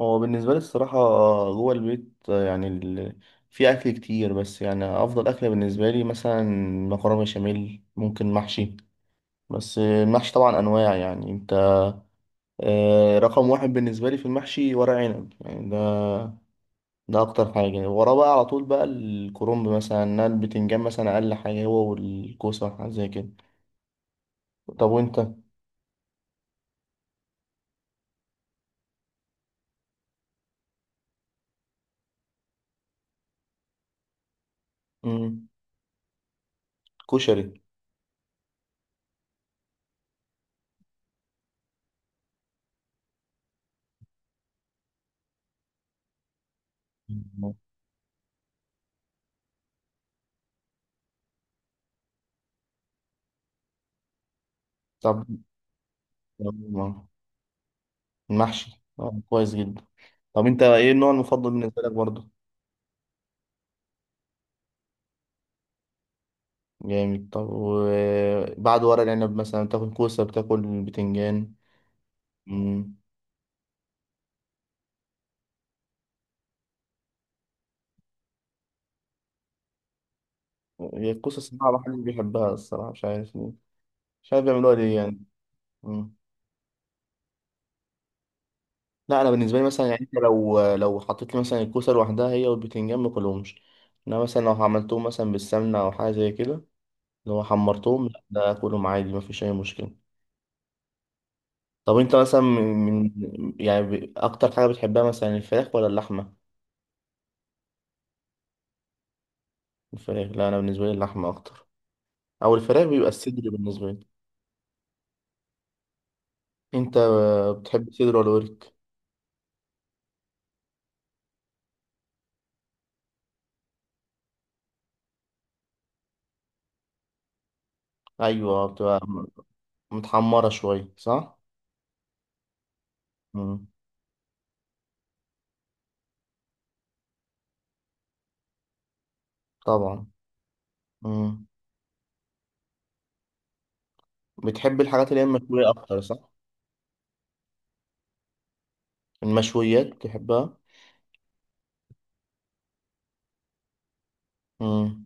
هو بالنسبة لي الصراحة، جوه البيت يعني في أكل كتير، بس يعني أفضل أكلة بالنسبة لي مثلا مكرونة بشاميل، ممكن محشي. بس المحشي طبعا أنواع يعني أنت رقم واحد بالنسبة لي في المحشي ورق عنب، يعني ده أكتر حاجة وراه، بقى على طول بقى الكرنب مثلا، إنها البتنجان مثلا أقل حاجة، هو والكوسة حاجة زي كده. طب وأنت؟ مم. كشري. مم. طب، المحشي كويس جدا. طب أنت إيه النوع المفضل بالنسبة لك برضه؟ جامد. طب وبعد ورق العنب مثلا بتاكل كوسة، بتاكل بتنجان؟ مم. هي الكوسة صراحة محدش بيحبها الصراحة، مش عارف ليه. مش عارف بيعملوها ليه يعني. مم. لا أنا بالنسبة لي مثلا، يعني أنت لو حطيت لي مثلا الكوسة لوحدها هي والبتنجان، ماكلهمش. إنما مثلا لو عملتهم مثلا بالسمنة أو حاجة زي كده، لو حمرتهم، لا ده آكلهم عادي، مفيش أي مشكلة. طب أنت مثلا يعني أكتر حاجة بتحبها مثلا، الفراخ ولا اللحمة؟ الفراخ؟ لا أنا بالنسبة لي اللحمة أكتر، أو الفراخ بيبقى الصدر بالنسبة لي. انت بتحب صدر ولا ورك؟ ايوه، بتبقى متحمره شويه صح. مم. طبعا. مم. بتحب الحاجات اللي هي المشويه اكتر صح؟ المشويات بتحبها. مم.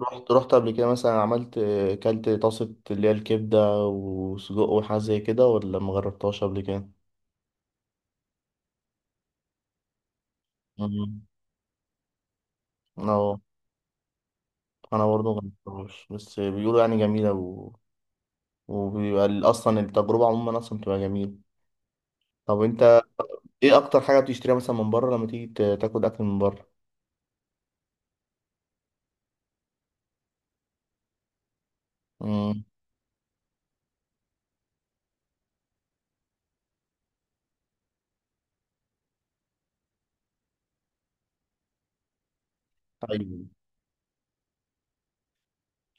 رحت قبل كده مثلا، عملت، كلت طاسه اللي هي الكبده وسجق وحاجه زي كده، ولا ما جربتهاش قبل كده؟ مم. انا انا برضه ما جربتهاش، بس بيقولوا يعني جميله وبيبقى اصلا التجربه عموما، اصلا بتبقى جميله. طب انت ايه اكتر حاجه بتشتريها مثلا من بره، لما تيجي تاكل اكل من بره؟ امم طيب،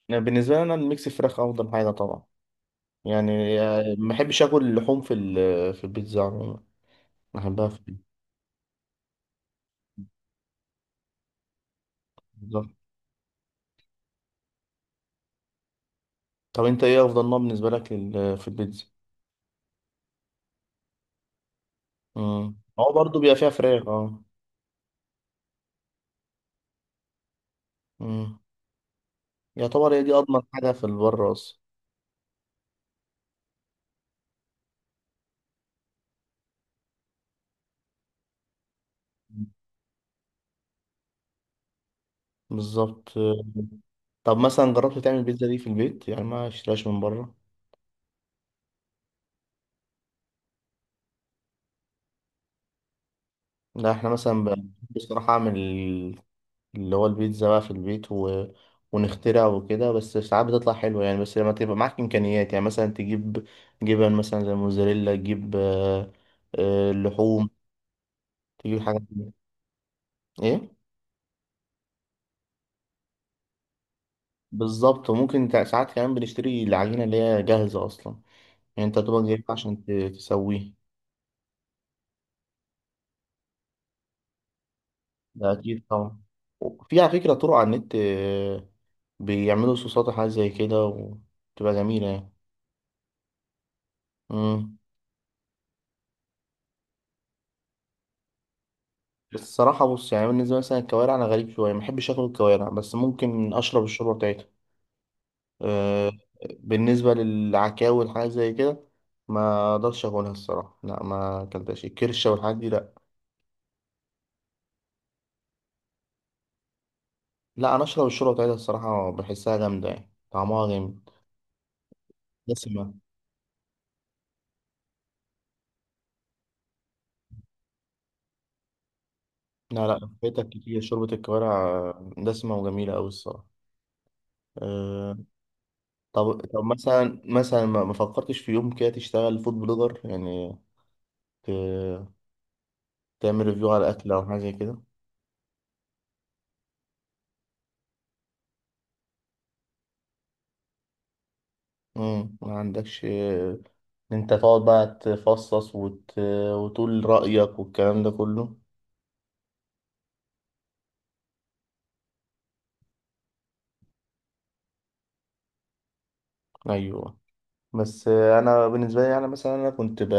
أنا بالنسبه لي انا الميكس فراخ افضل حاجه طبعا. يعني ما بحبش اكل اللحوم في البيتزا عموما. بحبها في البيتزا. طب انت ايه افضل نوع بالنسبه لك في البيتزا؟ هو برضه بيبقى فيها فراخ، اه. امم يعتبر هي دي اضمن حاجه في البره اصلا. مم. بالظبط. طب مثلا جربت تعمل البيتزا دي في البيت يعني، ما اشتريهاش من بره؟ لا احنا مثلا بصراحه اعمل اللي هو البيتزا بقى في البيت ونخترع وكده، بس ساعات بتطلع حلوة يعني، بس لما تبقى معاك إمكانيات، يعني مثلا تجيب جبن مثلا زي موزاريلا، تجيب لحوم، تجيب حاجات دي. إيه بالظبط. وممكن ساعات كمان بنشتري العجينة اللي هي جاهزة أصلا، يعني أنت تبقى جايبها عشان تسويه. ده أكيد طبعا. في على فكرة طرق على النت، بيعملوا صوصات وحاجات زي كده وتبقى جميلة يعني. مم. بس الصراحة بص، يعني بالنسبة مثلا الكوارع أنا غريب شوية، ما بحبش آكل الكوارع، بس ممكن أشرب الشوربة بتاعتها. أه. بالنسبة للعكاوي والحاجات زي كده، ما أقدرش أكلها الصراحة، لا ما أكلتهاش، الكرشة والحاجات دي لا. لا أنا أشرب الشوربة بتاعتها الصراحة، بحسها جامدة يعني طعمها جامد، دسمة. لا لا، فايتك كتير شوربة الكوارع، دسمة وجميلة أوي الصراحة. أه. طب مثلا، ما فكرتش في يوم كده تشتغل فود بلوجر يعني، ت- تعمل ريفيو على أكل أو حاجة زي كده؟ مم. ما عندكش ان انت تقعد بقى تفصص وتقول رأيك والكلام ده كله؟ ايوه. بس انا بالنسبة لي، انا مثلا انا كنت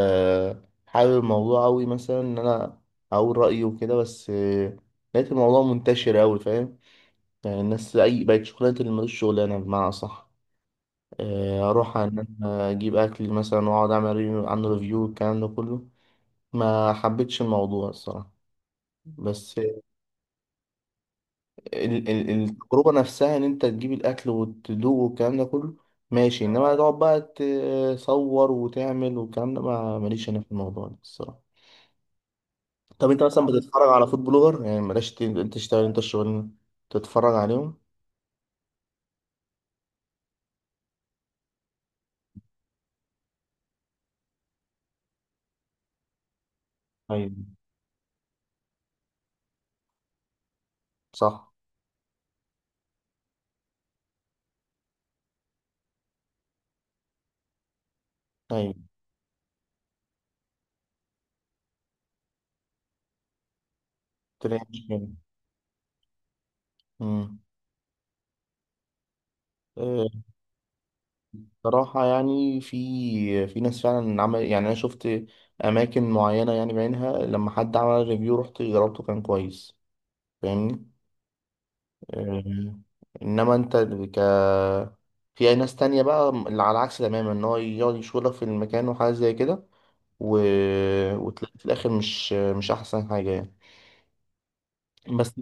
حابب الموضوع اوي، مثلا ان انا اقول رأيي وكده، بس لقيت الموضوع منتشر اوي فاهم، يعني الناس اي بقت شغلانة اللي ملوش شغلانة بمعنى صح، اروح ان انا اجيب اكل مثلا واقعد اعمل ريفيو عن ريفيو والكلام ده كله. ما حبيتش الموضوع الصراحة. بس التجربة نفسها إن أنت تجيب الأكل وتدوق والكلام ده كله، ماشي. إنما تقعد بقى تصور وتعمل والكلام ده، ما ماليش أنا في الموضوع ده الصراحة. طب أنت مثلا بتتفرج على فود بلوجر؟ يعني بلاش أنت تشتغل، أنت الشغل تتفرج عليهم. أيوة. صح. أيوة. تلاقي مشكلة. أمم. آه، صراحة يعني في ناس فعلا عمل، يعني أنا شفت أماكن معينة يعني بعينها، لما حد عمل ريفيو رحت جربته كان كويس، فاهمني. أمم. انما انت ك في ناس تانية بقى اللي على العكس تماما، ان هو يقعد يشغلك في المكان وحاجات زي كده، و... وتلاقي في الاخر مش احسن حاجة يعني. بس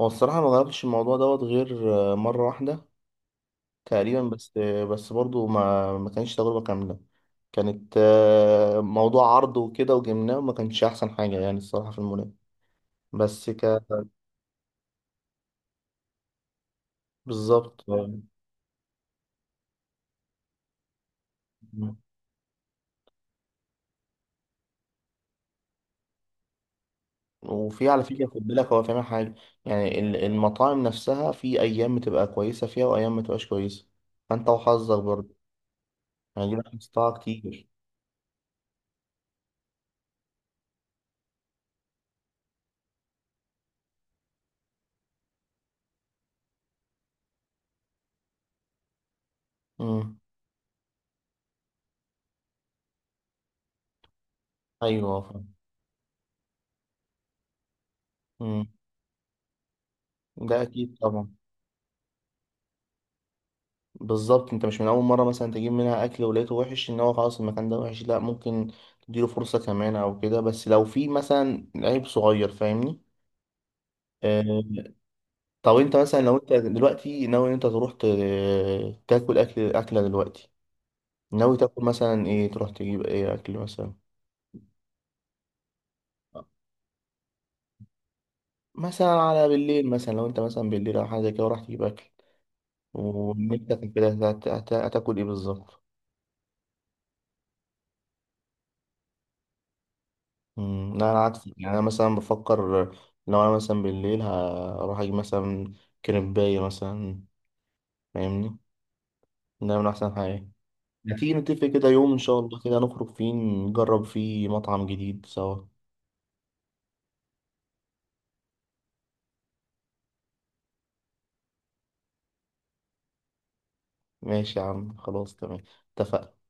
هو الصراحة ما جربتش الموضوع دوت غير مرة واحدة تقريبا، بس برضو ما كانش تجربة كاملة. كانت موضوع عرض وكده وجبناه وما كانش احسن حاجة يعني الصراحة في المولات، بس ك بالظبط آه. وفي على فكرة خد بالك، هو فاهم حاجة يعني، المطاعم نفسها في أيام بتبقى كويسة فيها وأيام ما تبقاش كويسة، فأنت وحظك برضه، يعني دي بقى قصتها كتير. امم أيوه فاهم. امم ده أكيد طبعا. بالظبط. أنت مش من أول مرة مثلا تجيب منها أكل ولقيته وحش إن هو خلاص المكان ده وحش، لأ، ممكن تديله فرصة كمان أو كده، بس لو في مثلا عيب صغير، فاهمني. آه، طب أنت مثلا لو أنت دلوقتي ناوي إن أنت تروح تاكل أكل، أكلة دلوقتي، ناوي تاكل مثلا ايه، تروح تجيب ايه اكل مثلا؟ مثلا على بالليل مثلا، لو انت مثلا بالليل او حاجه زي كده وراح تجيب اكل، ونفسك كده، هتاكل ايه بالظبط؟ مم، لا انا عكس يعني، انا مثلا بفكر لو انا مثلا بالليل، هروح اجيب مثلا كريبايه مثلا، فاهمني. ده من احسن حاجه. ما تيجي نتفق كده يوم ان شاء الله، كده نخرج فيه، نجرب فيه مطعم جديد سوا. ماشي يا عم، خلاص تمام، اتفقنا.